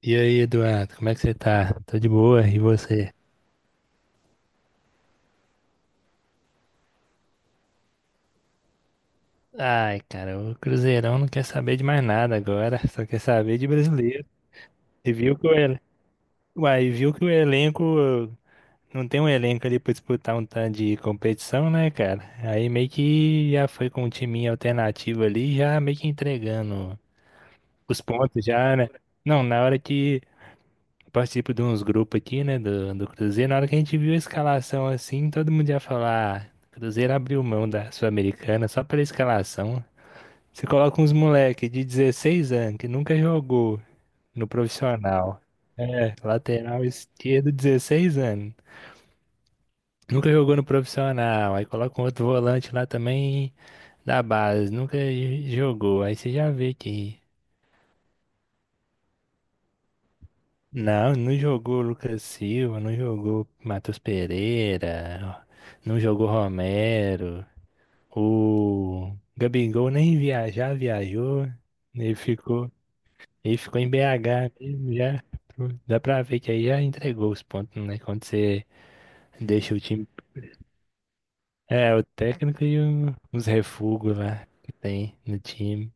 E aí, Eduardo, como é que você tá? Tô de boa, e você? Ai, cara, o Cruzeirão não quer saber de mais nada agora, só quer saber de brasileiro. E viu que o, ele... e viu que o elenco. Não tem um elenco ali pra disputar um tanto de competição, né, cara? Aí meio que já foi com um timinho alternativo ali, já meio que entregando os pontos já, né? Não, na hora que participo de uns grupos aqui, né, do Cruzeiro. Na hora que a gente viu a escalação assim, todo mundo ia falar: "Ah, Cruzeiro abriu mão da Sul-Americana só pela escalação. Você coloca uns moleque de 16 anos que nunca jogou no profissional. É, lateral esquerdo, 16 anos. Nunca jogou no profissional. Aí coloca um outro volante lá também da base. Nunca jogou. Aí você já vê que não, não jogou Lucas Silva, não jogou Matheus Pereira, não jogou Romero. O Gabigol nem viajar, viajou. Ele ficou, ele ficou em BH mesmo, já. Dá pra ver que aí já entregou os pontos, né? Quando você deixa o time. É, o técnico e os refugos lá que tem no time.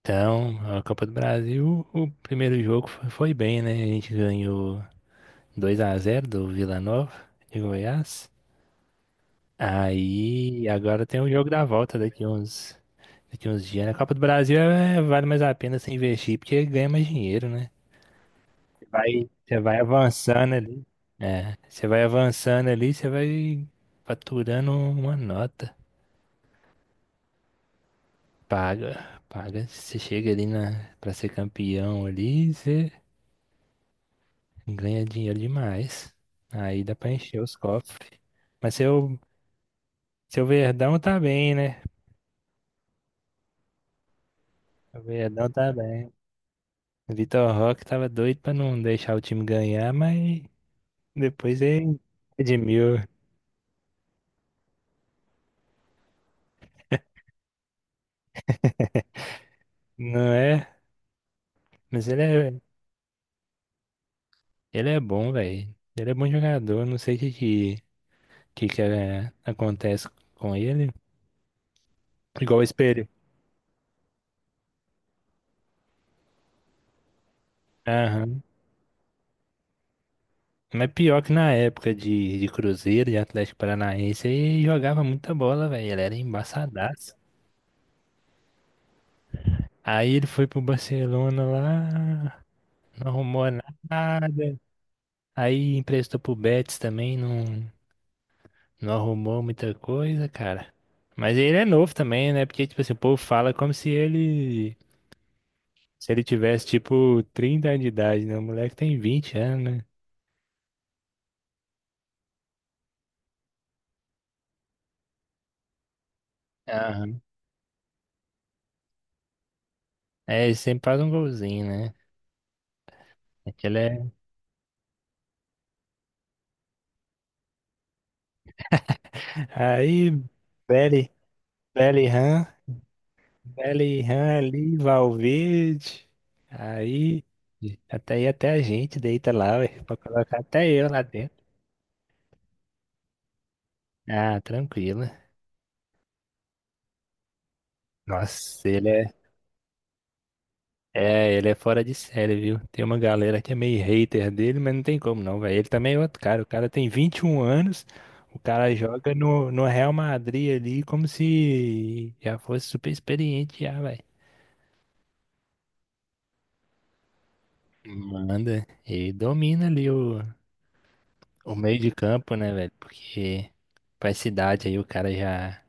Então, a Copa do Brasil, o primeiro jogo foi bem, né? A gente ganhou 2-0 do Vila Nova de Goiás. Aí agora tem o jogo da volta daqui uns dias. Na Copa do Brasil é, vale mais a pena você investir porque ganha mais dinheiro, né? Você vai avançando ali. É, você vai avançando ali, você vai faturando uma nota. Paga, paga. Você chega ali na, pra ser campeão ali, você ganha dinheiro demais. Aí dá pra encher os cofres. Mas seu Verdão tá bem, né? O Verdão tá bem. O Vitor Roque tava doido pra não deixar o time ganhar, mas depois ele redimiu, não é? Mas ele é bom, velho. Ele é bom jogador, não sei o que acontece com ele. Igual o espelho. Aham. Mas pior que na época de Cruzeiro, de Atlético Paranaense, ele jogava muita bola, velho. Ele era embaçadaço. Aí ele foi pro Barcelona lá, não arrumou nada. Aí emprestou pro Betis também, não arrumou muita coisa, cara. Mas ele é novo também, né? Porque, tipo assim, o povo fala como se ele tivesse, tipo, 30 anos de idade, né? O moleque tem 20 anos, né? Aham. É, ele sempre faz um golzinho, né? Aquele é... Aí, Belly, Bellingham, Bellingham ali, Valverde. Aí, até a gente deita lá, ué, pra colocar até eu lá dentro. Ah, tranquilo. Nossa, ele é. É, ele é fora de série, viu? Tem uma galera que é meio hater dele, mas não tem como não, velho. Ele também é outro cara. O cara tem 21 anos, o cara joga no Real Madrid ali como se já fosse super experiente já, velho. Manda. E domina ali o meio de campo, né, velho? Porque pra essa idade aí o cara já,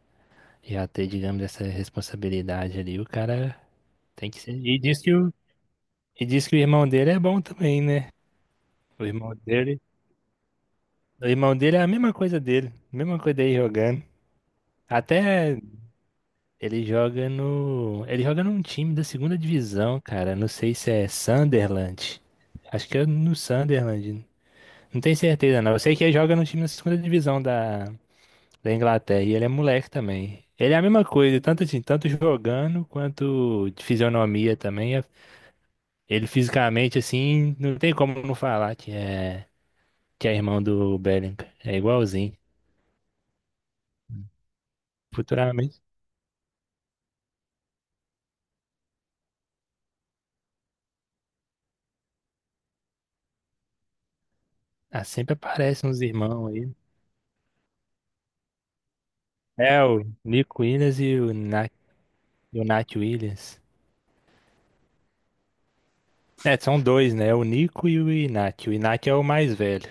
já ter, digamos, essa responsabilidade ali, o cara tem que ser. E diz que o, e diz que o irmão dele é bom também, né? O irmão dele. O irmão dele é a mesma coisa dele jogando. Até ele joga no. Ele joga num time da segunda divisão, cara. Não sei se é Sunderland. Acho que é no Sunderland. Não tenho certeza, não. Eu sei que ele joga no time da segunda divisão da Inglaterra. E ele é moleque também. Ele é a mesma coisa, tanto assim, tanto jogando quanto de fisionomia também. Ele fisicamente, assim, não tem como não falar que é irmão do Bellingham. É igualzinho. Futuramente. Ah, sempre aparecem uns irmãos aí. É, o Nico Williams e o Nat Williams. É, são dois, né? O Nico e o Inácio. O Inácio é o mais velho.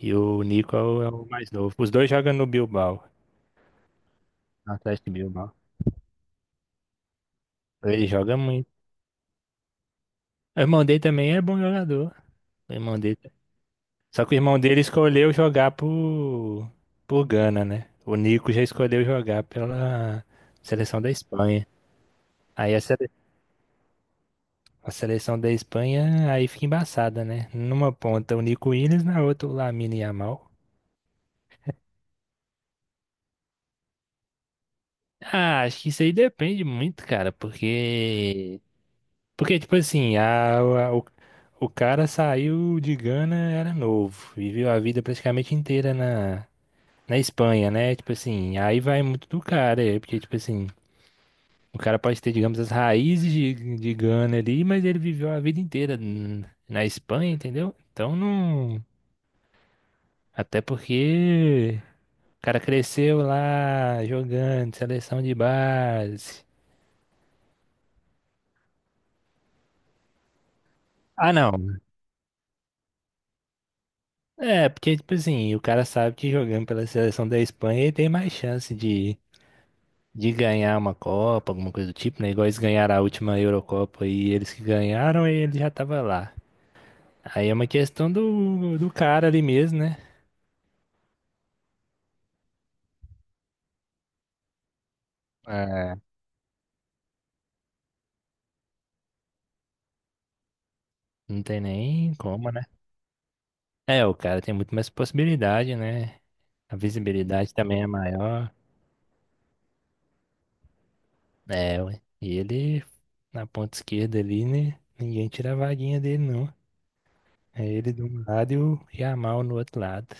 E o Nico é o, é o mais novo. Os dois jogam no Bilbao, no Atlético de Bilbao. Ele joga muito. O irmão dele também é bom jogador. O irmão dele. Só que o irmão dele escolheu jogar por Gana, né? O Nico já escolheu jogar pela seleção da Espanha. Aí a sele- A seleção da Espanha aí fica embaçada, né? Numa ponta o Nico Williams, na outra o Lamine Yamal. Ah, acho que isso aí depende muito, cara, porque. Porque, tipo assim, o cara saiu de Gana, era novo, viveu a vida praticamente inteira na Espanha, né? Tipo assim, aí vai muito do cara, é, porque, tipo assim, o cara pode ter, digamos, as raízes de Gana ali, mas ele viveu a vida inteira na Espanha, entendeu? Então não. Até porque. O cara cresceu lá jogando, seleção de base. Ah, não. É, porque, tipo assim, o cara sabe que jogando pela seleção da Espanha ele tem mais chance de ganhar uma Copa, alguma coisa do tipo, né? Igual eles ganharam a última Eurocopa e eles que ganharam, ele já tava lá. Aí é uma questão do cara ali mesmo, né? É. Não tem nem como, né? É, o cara tem muito mais possibilidade, né? A visibilidade também é maior. É, ué. E ele, na ponta esquerda ali, né? Ninguém tira a vaguinha dele, não. É ele de um lado e o Yamal no outro lado.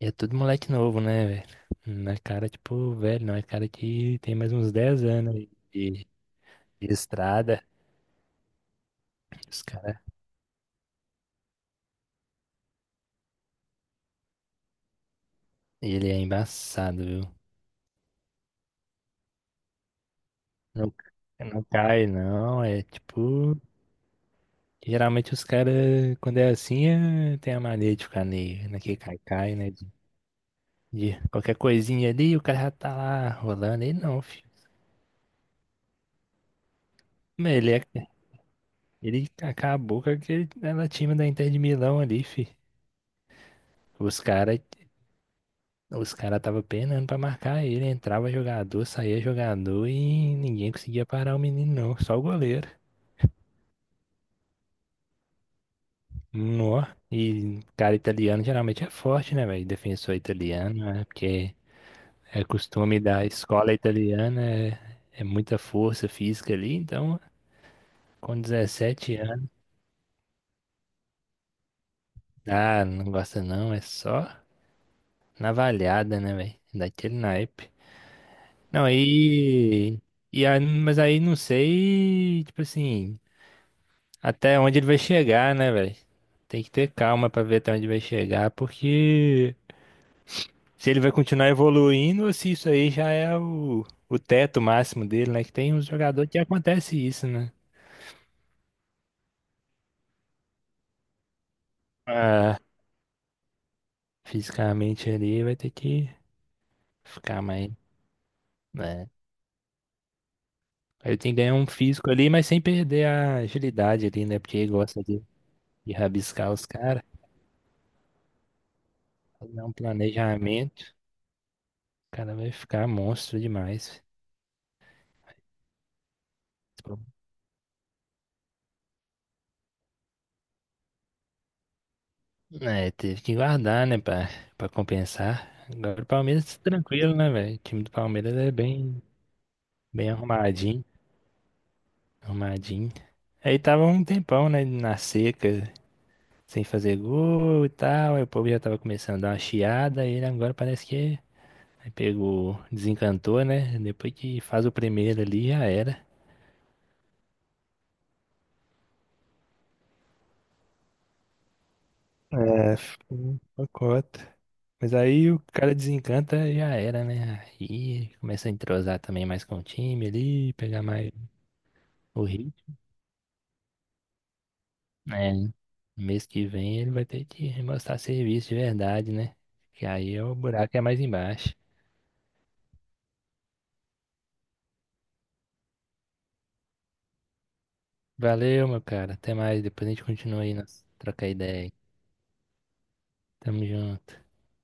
E é tudo moleque novo, né, velho? Não é cara, tipo, velho, não. É cara que tem mais uns 10 anos aí de estrada. Os cara, ele é embaçado, viu? Não, não cai, não. É tipo. Geralmente os caras, quando é assim, tem a mania de ficar naquele cai-cai, né? De qualquer coisinha ali, o cara já tá lá rolando. Ele não, filho. Mas ele acabou com aquele ela time da Inter de Milão ali, fi. Os caras os cara tava penando pra marcar ele. Entrava jogador, saía jogador e ninguém conseguia parar o menino, não. Só o goleiro. Nó. E cara italiano geralmente é forte, né, velho? Defensor italiano, né? Porque é costume da escola italiana, é, é muita força física ali. Então, com 17 anos, ah, não gosta não, é só navalhada, né, velho? Daquele naipe. Não, aí. E aí, mas aí não sei, tipo assim, até onde ele vai chegar, né, velho? Tem que ter calma pra ver até onde vai chegar, porque se ele vai continuar evoluindo ou se isso aí já é o teto máximo dele, né? Que tem uns jogadores que acontece isso, né? Ah, fisicamente ali vai ter que ficar mais, né? Aí tem que ganhar um físico ali, mas sem perder a agilidade ali, né? Porque ele gosta de rabiscar os caras, fazer um planejamento. O cara vai ficar monstro demais. É, teve que guardar, né, pra compensar. Agora o Palmeiras tá tranquilo, né, velho? O time do Palmeiras é bem, bem arrumadinho, arrumadinho. Aí tava um tempão, né, na seca, sem fazer gol e tal. Aí o povo já tava começando a dar uma chiada. E ele agora parece que aí pegou, desencantou, né? Depois que faz o primeiro ali, já era. É, foi uma cota. Mas aí o cara desencanta e já era, né? Aí começa a entrosar também mais com o time ali, pegar mais o ritmo. É, mês que vem ele vai ter que mostrar serviço de verdade, né? Que aí é o buraco é mais embaixo. Valeu, meu cara. Até mais. Depois a gente continua aí, nós trocar ideia. Aí. Tamo junto.